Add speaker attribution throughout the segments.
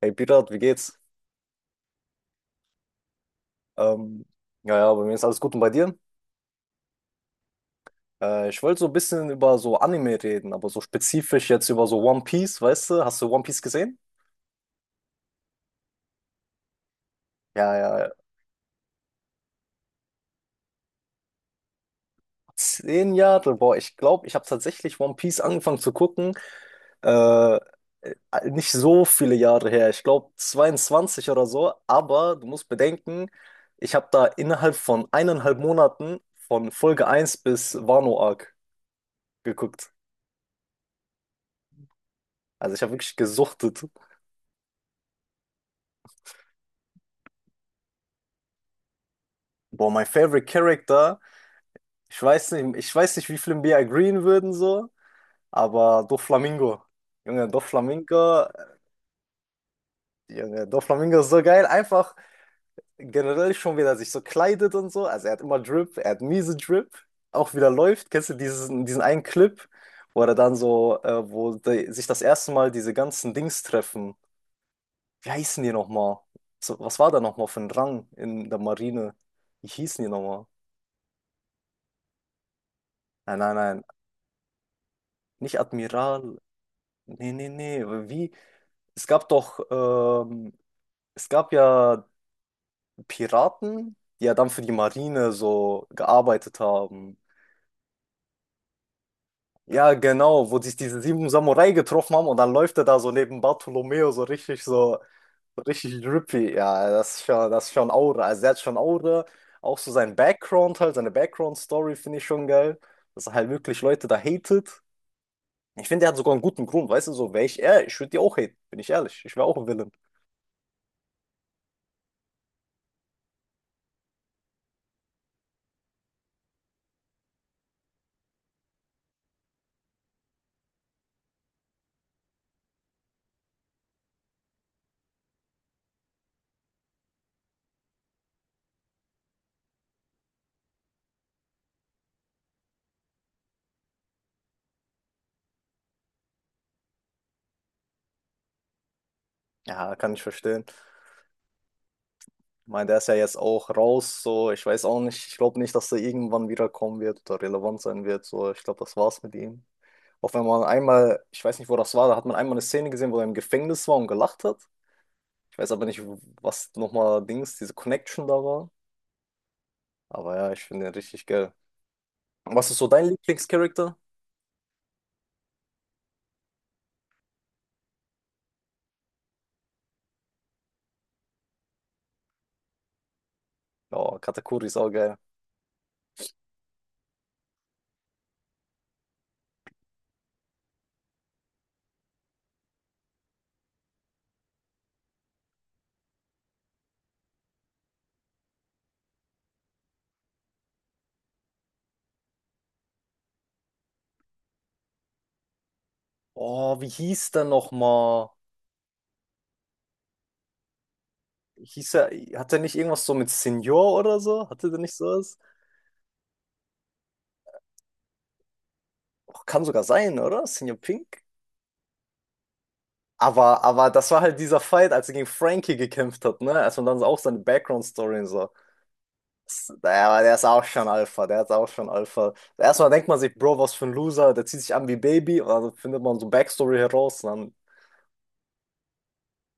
Speaker 1: Hey Pirat, wie geht's? Ähm, ja, ja, bei mir ist alles gut und bei dir? Ich wollte so ein bisschen über so Anime reden, aber so spezifisch jetzt über so One Piece, weißt du? Hast du One Piece gesehen? Ja, ja, ja. 10 Jahre, boah, ich glaube, ich habe tatsächlich One Piece angefangen zu gucken. Äh, Nicht so viele Jahre her, ich glaube 22 oder so, aber du musst bedenken, ich habe da innerhalb von 1,5 Monaten von Folge eins bis Wano Arc geguckt. Also ich habe wirklich gesuchtet. Boah, mein favorite Character. Ich weiß nicht, wie viele mir agreeen würden so, aber Doflamingo. Junge, Doflamingo, Junge, Doflamingo ist so geil. Einfach generell schon, wie er sich so kleidet und so. Also er hat immer Drip, er hat miese Drip. Auch wieder läuft. Kennst du diesen einen Clip, wo er dann so, wo die, sich das erste Mal diese ganzen Dings treffen. Wie heißen die nochmal? So, was war da nochmal für ein Rang in der Marine? Wie hießen die nochmal? Nein, nein, nein. Nicht Admiral. Nee, nee, nee. Wie? Es gab doch, ähm, es gab ja Piraten, die ja dann für die Marine so gearbeitet haben. Ja, genau, wo sich diese 7 Samurai getroffen haben und dann läuft er da so neben Bartolomeo so richtig so, so richtig drippy. Ja, das ist schon Aura. Also der hat schon Aura. Auch so sein Background halt, seine Background-Story finde ich schon geil. Dass er halt wirklich Leute da hatet. Ich finde, er hat sogar einen guten Grund, weißt du, so wäre ich er, ich würde die auch haten, bin ich ehrlich. Ich wäre auch ein Villain. Ja, kann ich verstehen. Ich meine, der ist ja jetzt auch raus, so ich weiß auch nicht, ich glaube nicht, dass er irgendwann wiederkommen wird oder relevant sein wird. So, ich glaube, das war's mit ihm. Auch wenn man einmal, ich weiß nicht, wo das war, da hat man einmal eine Szene gesehen, wo er im Gefängnis war und gelacht hat. Ich weiß aber nicht, was nochmal Dings, diese Connection da war. Aber ja, ich finde den richtig geil. Was ist so dein Lieblingscharakter? Oh, Katakuri ist auch geil. Oh, wie hieß der nochmal? Hieß er, hat er nicht irgendwas so mit Senior oder so? Hatte der nicht sowas? Och, kann sogar sein, oder? Senior Pink? Aber das war halt dieser Fight, als er gegen Frankie gekämpft hat, ne? Als man dann so auch seine Background-Story und so. Das- Der, war- der ist auch schon Alpha, der ist auch schon Alpha. Erstmal denkt man sich, Bro, was für ein Loser, der zieht sich an wie Baby und dann findet man so Backstory heraus. Und dann,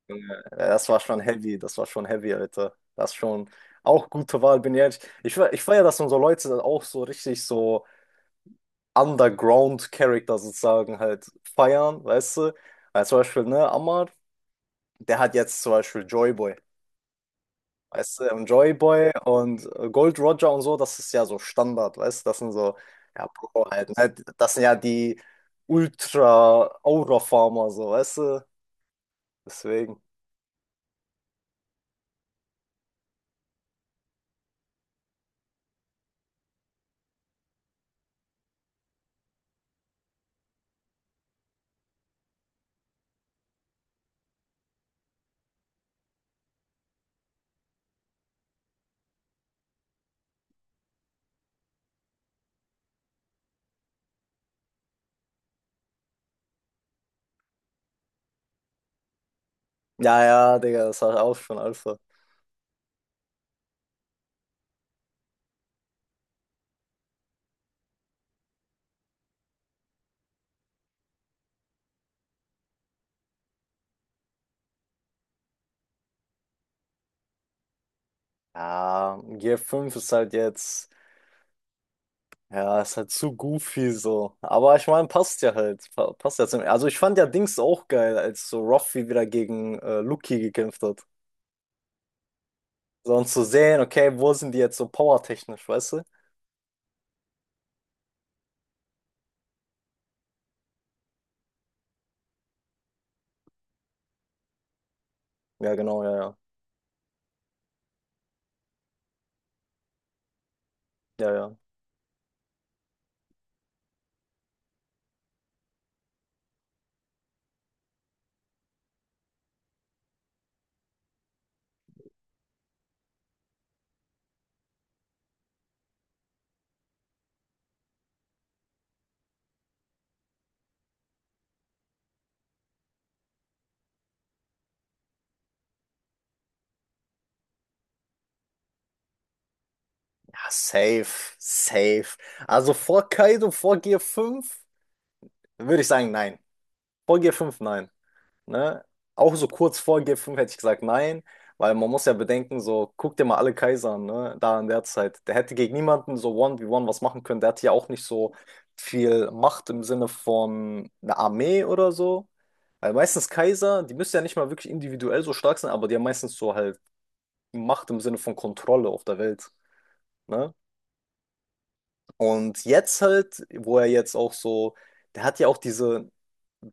Speaker 1: Junge, das war schon heavy, das war schon heavy, Alter. Das ist schon auch gute Wahl, bin ich ehrlich. Ich, fe- ich feiere, dass unsere Leute dann auch so richtig so Underground-Charakter sozusagen halt feiern, weißt du? Weil zum Beispiel, ne, Ammar. Der hat jetzt zum Beispiel Joyboy, weißt du, und Joyboy und Gold Roger und so, das ist ja so Standard, weißt du, das sind so, ja, Bro halt, ne? Das sind ja die Ultra-Aura-Farmer, so, weißt du, deswegen. Ja, ja, Digga, das war auch schon Alpha. Ja, G5 ist halt jetzt, ja, ist halt zu goofy so. Aber ich meine, passt ja halt. Pa- Passt ja zum. Also ich fand ja Dings auch geil, als so Ruffy wieder gegen Lucky gekämpft hat. So, um zu sehen, okay, wo sind die jetzt so powertechnisch, weißt du? Ja, genau, ja, ja. Ja, ja. Ja, safe, safe. Also vor Kaido, vor G5 würde ich sagen, nein. Vor G5, nein. Ne? Auch so kurz vor G5 hätte ich gesagt, nein, weil man muss ja bedenken, so, guck dir mal alle Kaiser an, ne? Da in der Zeit. Der hätte gegen niemanden so 1v1 was machen können. Der hatte ja auch nicht so viel Macht im Sinne von einer Armee oder so. Weil meistens Kaiser, die müssen ja nicht mal wirklich individuell so stark sein, aber die haben meistens so halt Macht im Sinne von Kontrolle auf der Welt. Ne? Und jetzt halt, wo er jetzt auch so, der hat ja auch diese,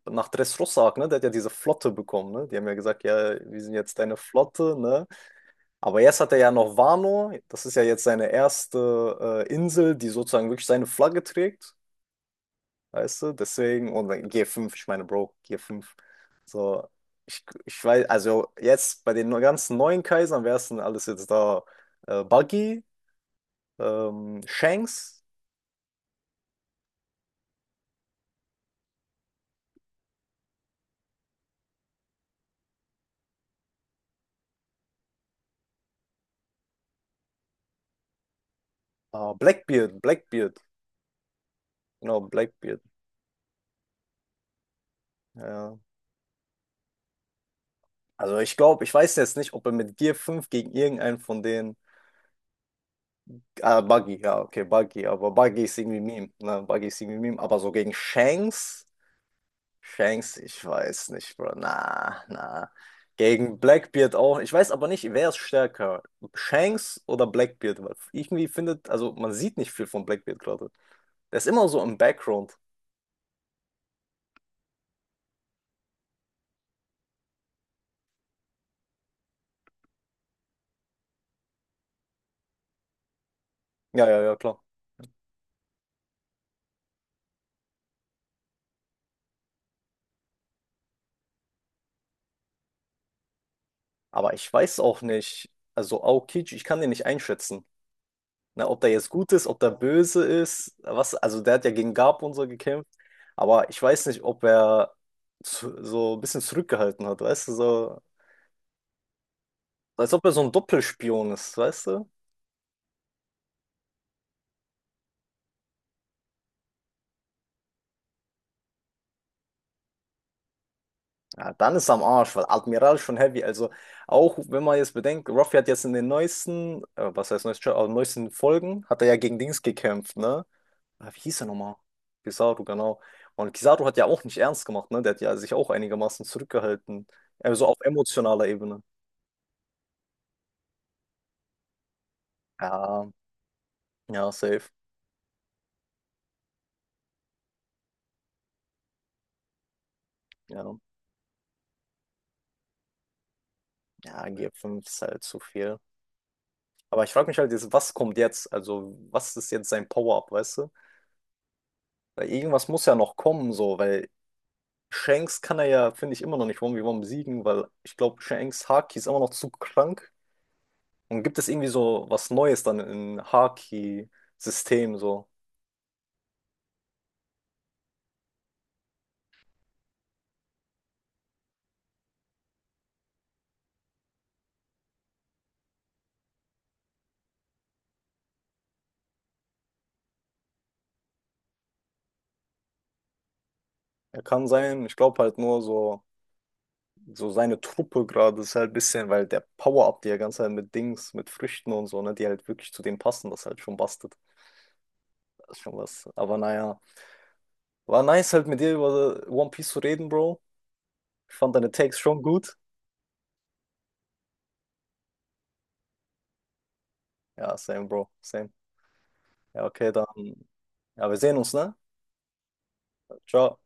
Speaker 1: nach Dressrosa, ne, der hat ja diese Flotte bekommen, ne? Die haben ja gesagt, ja, wir sind jetzt deine Flotte, ne? Aber jetzt hat er ja noch Wano, das ist ja jetzt seine erste Insel, die sozusagen wirklich seine Flagge trägt, weißt du? Deswegen, und dann G5, ich meine, Bro, G5. So, ich weiß, also jetzt bei den ganzen neuen Kaisern wäre es alles jetzt da buggy, Shanks, ah, Blackbeard, Blackbeard, genau, Blackbeard, ja. Also ich glaube, ich weiß jetzt nicht, ob er mit Gear 5 gegen irgendeinen von denen, ah, Buggy, ja, okay, Buggy, aber Buggy ist irgendwie Meme, ne, Buggy ist irgendwie Meme, aber so gegen Shanks, Shanks, ich weiß nicht, Bro, na, na. Gegen Blackbeard auch. Ich weiß aber nicht, wer ist stärker? Shanks oder Blackbeard? Weil irgendwie findet, also man sieht nicht viel von Blackbeard gerade. Der ist immer so im Background. Ja, ja, ja, klar. Aber ich weiß auch nicht, also Aokichi, ich kann den nicht einschätzen. Ne, ob der jetzt gut ist, ob der böse ist, was, also der hat ja gegen Garp und so gekämpft, aber ich weiß nicht, ob er zu, so ein bisschen zurückgehalten hat, weißt du, so, als ob er so ein Doppelspion ist, weißt du? Ja, dann ist er am Arsch, weil Admiral schon heavy, also auch wenn man jetzt bedenkt, Ruffy hat jetzt in den neuesten, was heißt neuesten, aber neuesten Folgen, hat er ja gegen Dings gekämpft, ne? Ah, wie hieß er nochmal? Kizaru, genau. Und Kizaru hat ja auch nicht ernst gemacht, ne? Der hat ja sich auch einigermaßen zurückgehalten. Also auf emotionaler Ebene. Ja, ja, safe. Ja, ja, G5 ist halt zu viel. Aber ich frage mich halt jetzt, was kommt jetzt? Also, was ist jetzt sein Power-Up, weißt du? Weil irgendwas muss ja noch kommen, so, weil Shanks kann er ja, finde ich, immer noch nicht One-V-One besiegen, weil ich glaube, Shanks Haki ist immer noch zu krank. Und gibt es irgendwie so was Neues dann im Haki-System, so? Er kann sein, ich glaube halt nur so, so seine Truppe gerade ist halt ein bisschen, weil der Power-Up, die er ganze Zeit mit Dings, mit Früchten und so, ne, die halt wirklich zu dem passen, das halt schon bastelt. Das ist schon was. Aber naja, war nice halt mit dir über One Piece zu reden, Bro. Ich fand deine Takes schon gut. Ja, same, Bro, same. Ja, okay, dann, ja, wir sehen uns, ne? Ciao.